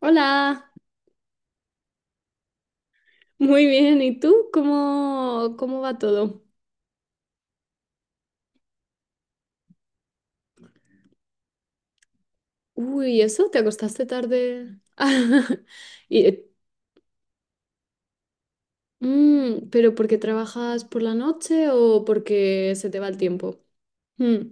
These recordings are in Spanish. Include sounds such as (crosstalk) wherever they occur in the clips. Hola, muy bien. ¿Y tú? ¿Cómo va todo? Uy, ¿eso? ¿Te acostaste tarde? (laughs) Y, ¿pero porque trabajas por la noche o porque se te va el tiempo? Mm,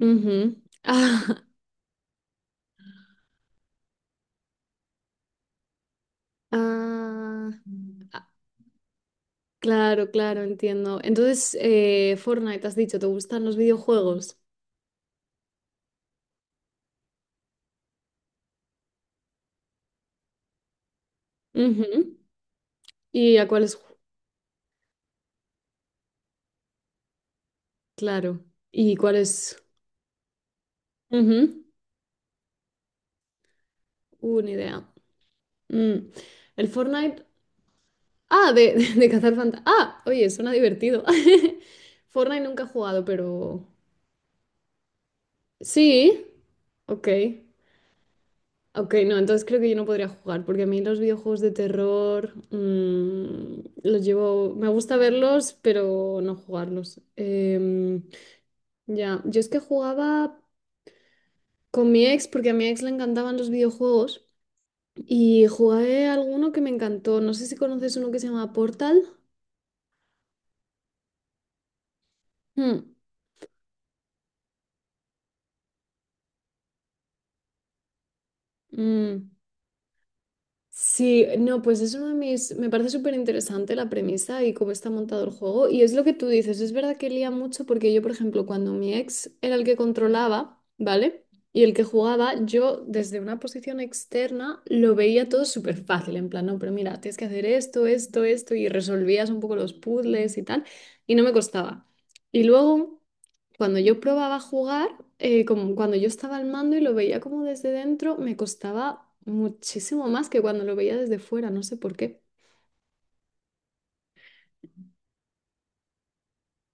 ujú. Ah, (laughs) ah, ah, claro, claro, entiendo. Entonces, Fortnite, has dicho, ¿te gustan los videojuegos? Ujú. ¿Y a cuáles? Claro. ¿Y cuáles? Ujú. Una idea. Mm. El Fortnite. Ah, (laughs) de cazar fantasmas. Ah, oye, suena divertido. (laughs) Fortnite nunca he jugado, pero. Sí. Ok. Ok, no, entonces creo que yo no podría jugar, porque a mí los videojuegos de terror los llevo. Me gusta verlos, pero no jugarlos. Ya, yo es que jugaba con mi ex, porque a mi ex le encantaban los videojuegos, y jugué alguno que me encantó. No sé si conoces uno que se llama Portal. Hmm, mm. Sí, no, pues es uno de mis, me parece súper interesante la premisa y cómo está montado el juego. Y es lo que tú dices, es verdad que lía mucho porque yo, por ejemplo, cuando mi ex era el que controlaba, ¿vale? Y el que jugaba, yo desde una posición externa lo veía todo súper fácil, en plan, no, pero mira, tienes que hacer esto, esto, esto, y resolvías un poco los puzzles y tal, y no me costaba. Y luego. Cuando yo probaba a jugar, como cuando yo estaba al mando y lo veía como desde dentro, me costaba muchísimo más que cuando lo veía desde fuera, no sé por qué.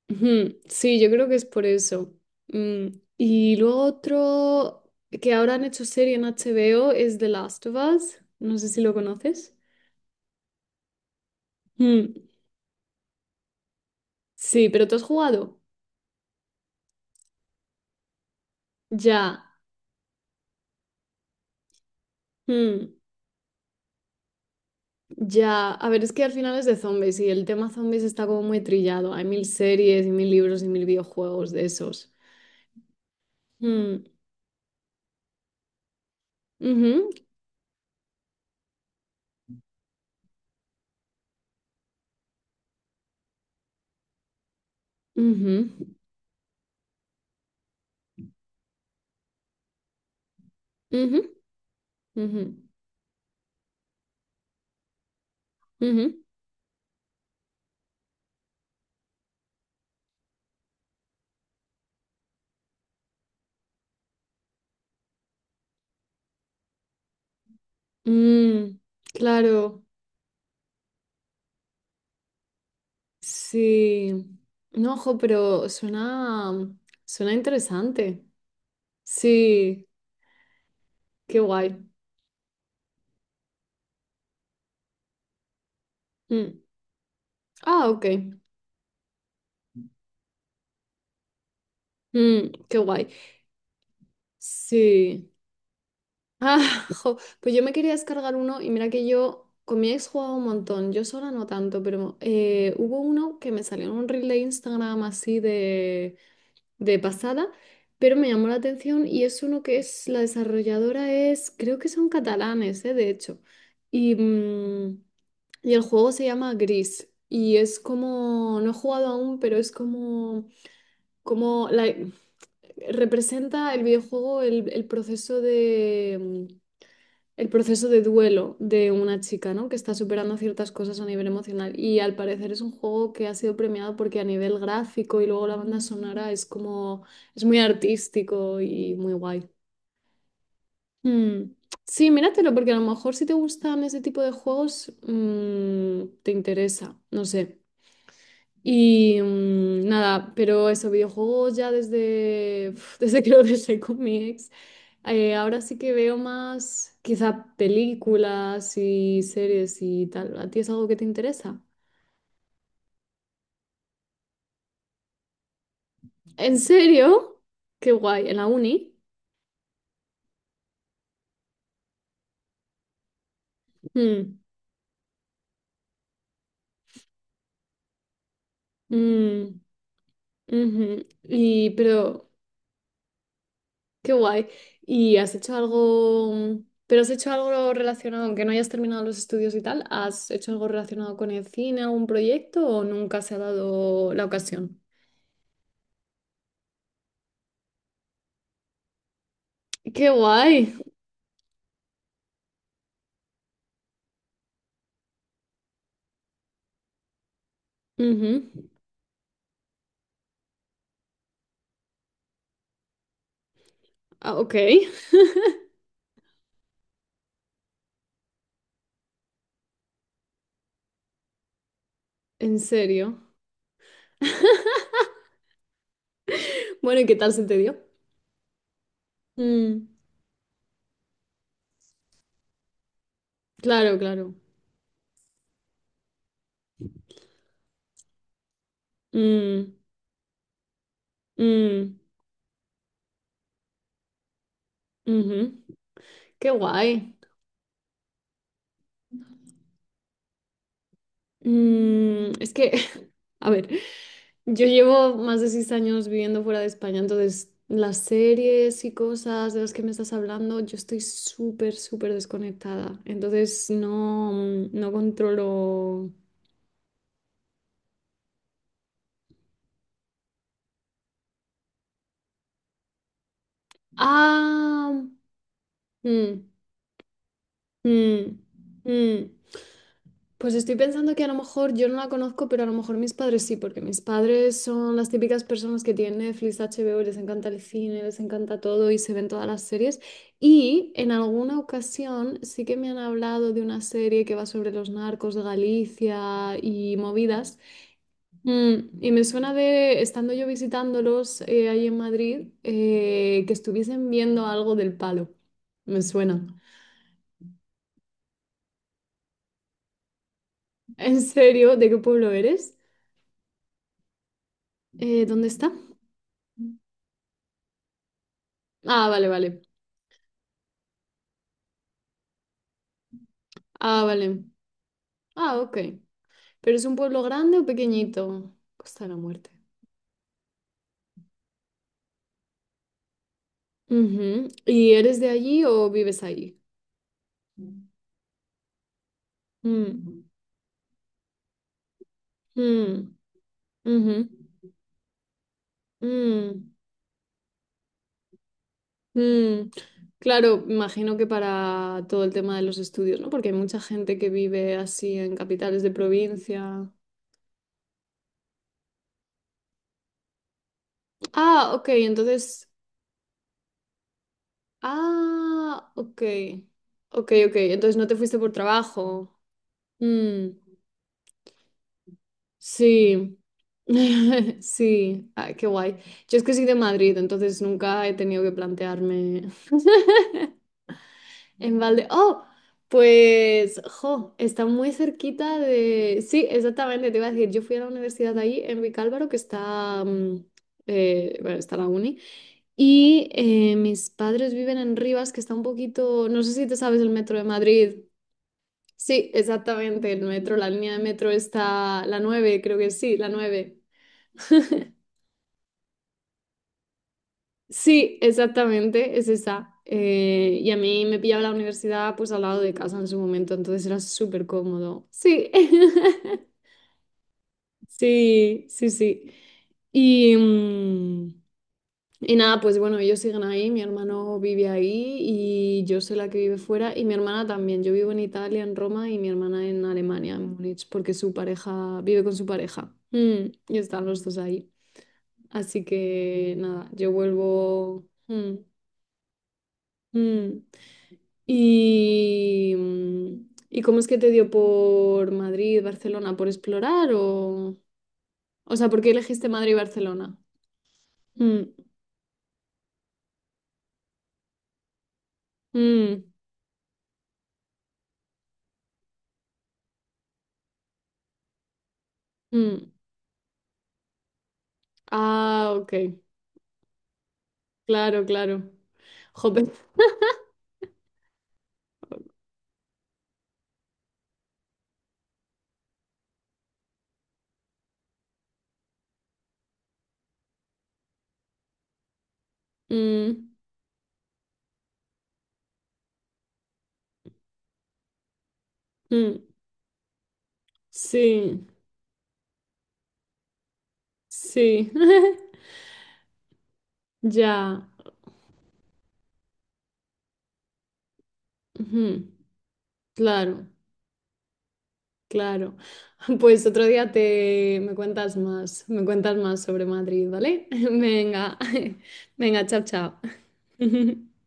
Ujú, sí, yo creo que es por eso. Mm, y luego otro que ahora han hecho serie en HBO es The Last of Us. No sé si lo conoces. Mm, sí, pero ¿tú has jugado? Ya. Mm, ya. A ver, es que al final es de zombies y el tema zombies está como muy trillado. Hay mil series y mil libros y mil videojuegos de esos. Mm, ujú, ujú, ujú, ujú, ujú. Mm, claro, sí. No, ojo, pero suena, suena interesante. Sí, qué guay. Mm. Ah, ok. Mm, qué guay. Sí. Ah, (laughs) jo, pues yo me quería descargar uno y mira que yo con mi ex jugaba un montón, yo sola no tanto, pero hubo uno que me salió en un reel de Instagram así de pasada, pero me llamó la atención y es uno que es, la desarrolladora es, creo que son catalanes, de hecho. Y, mm, y el juego se llama Gris. Y es como, no he jugado aún, pero es como, como la- representa el videojuego, el proceso de el proceso de duelo de una chica, ¿no? Que está superando ciertas cosas a nivel emocional. Y al parecer es un juego que ha sido premiado porque a nivel gráfico y luego la banda sonora es como, es muy artístico y muy guay. Mm. Sí, míratelo, porque a lo mejor si te gustan ese tipo de juegos, te interesa, no sé. Y nada, pero eso, videojuegos ya (laughs) desde que lo dejé con mi ex. Ahora sí que veo más quizá películas y series y tal. ¿A ti es algo que te interesa? ¿En serio? Qué guay, en la uni. Mm, mm, ujú. Y pero, qué guay. ¿Y has hecho algo, mm, pero has hecho algo relacionado, aunque no hayas terminado los estudios y tal, ¿has hecho algo relacionado con el cine, algún proyecto o nunca se ha dado la ocasión? Qué guay. Ujú. Ah, ok, (laughs) en serio. (laughs) Bueno, ¿y qué tal se te dio? Mm, claro, claro. Mm, mm, ujú. Qué guay. Mm, es que, (laughs) a ver, yo llevo más de 6 años viviendo fuera de España, entonces las series y cosas de las que me estás hablando, yo estoy súper, súper desconectada. Entonces no, no controlo. Ah, mm, mm, mm. Pues estoy pensando que a lo mejor yo no la conozco, pero a lo mejor mis padres sí, porque mis padres son las típicas personas que tienen Netflix, HBO, y les encanta el cine, les encanta todo y se ven todas las series. Y en alguna ocasión sí que me han hablado de una serie que va sobre los narcos de Galicia y movidas. Mm, y me suena de, estando yo visitándolos ahí en Madrid, que estuviesen viendo algo del palo. Me suena. ¿En serio? ¿De qué pueblo eres? ¿Dónde está? Ah, vale, vale. Ah, vale. Ah, ok. ¿Pero es un pueblo grande o pequeñito? Costa de la Muerte. Ujú. ¿Y eres de allí o vives allí? Mm, mm, ujú, mm, mm. Claro, imagino que para todo el tema de los estudios, ¿no? Porque hay mucha gente que vive así en capitales de provincia. Ah, ok, entonces. Ah, ok. Ok, ok. Entonces no te fuiste por trabajo. Mm, sí, (laughs) sí, ah, qué guay. Yo es que soy de Madrid, entonces nunca he tenido que plantearme (laughs) en balde. Oh, pues, jo, está muy cerquita de. Sí, exactamente, te iba a decir, yo fui a la universidad de ahí, en Vicálvaro, que está, bueno, está la uni, y mis padres viven en Rivas, que está un poquito, no sé si te sabes el metro de Madrid. Sí, exactamente, el metro, la línea de metro está, la 9, creo que sí, la 9. Sí, exactamente, es esa. Y a mí me pillaba la universidad pues al lado de casa en su momento, entonces era súper cómodo. Sí, (laughs) sí, sí, sí. Y, mm, y nada, pues bueno, ellos siguen ahí, mi hermano vive ahí y yo soy la que vive fuera y mi hermana también. Yo vivo en Italia, en Roma y mi hermana en Alemania, en Múnich, porque su pareja vive con su pareja. Mm, y están los dos ahí. Así que nada, yo vuelvo. Mm, mm. ¿Y cómo es que te dio por Madrid, Barcelona, por explorar o? O sea, ¿por qué elegiste Madrid y Barcelona? Mm, mm, mm. Ah, ok. Claro, claro. Jope. Mm, mm. Sí, sí. (laughs) Ya. Ujú. Claro, claro. (laughs) Pues otro día te me cuentas más sobre Madrid, ¿vale? (laughs) Venga. (laughs) Venga, chao, chao. (laughs)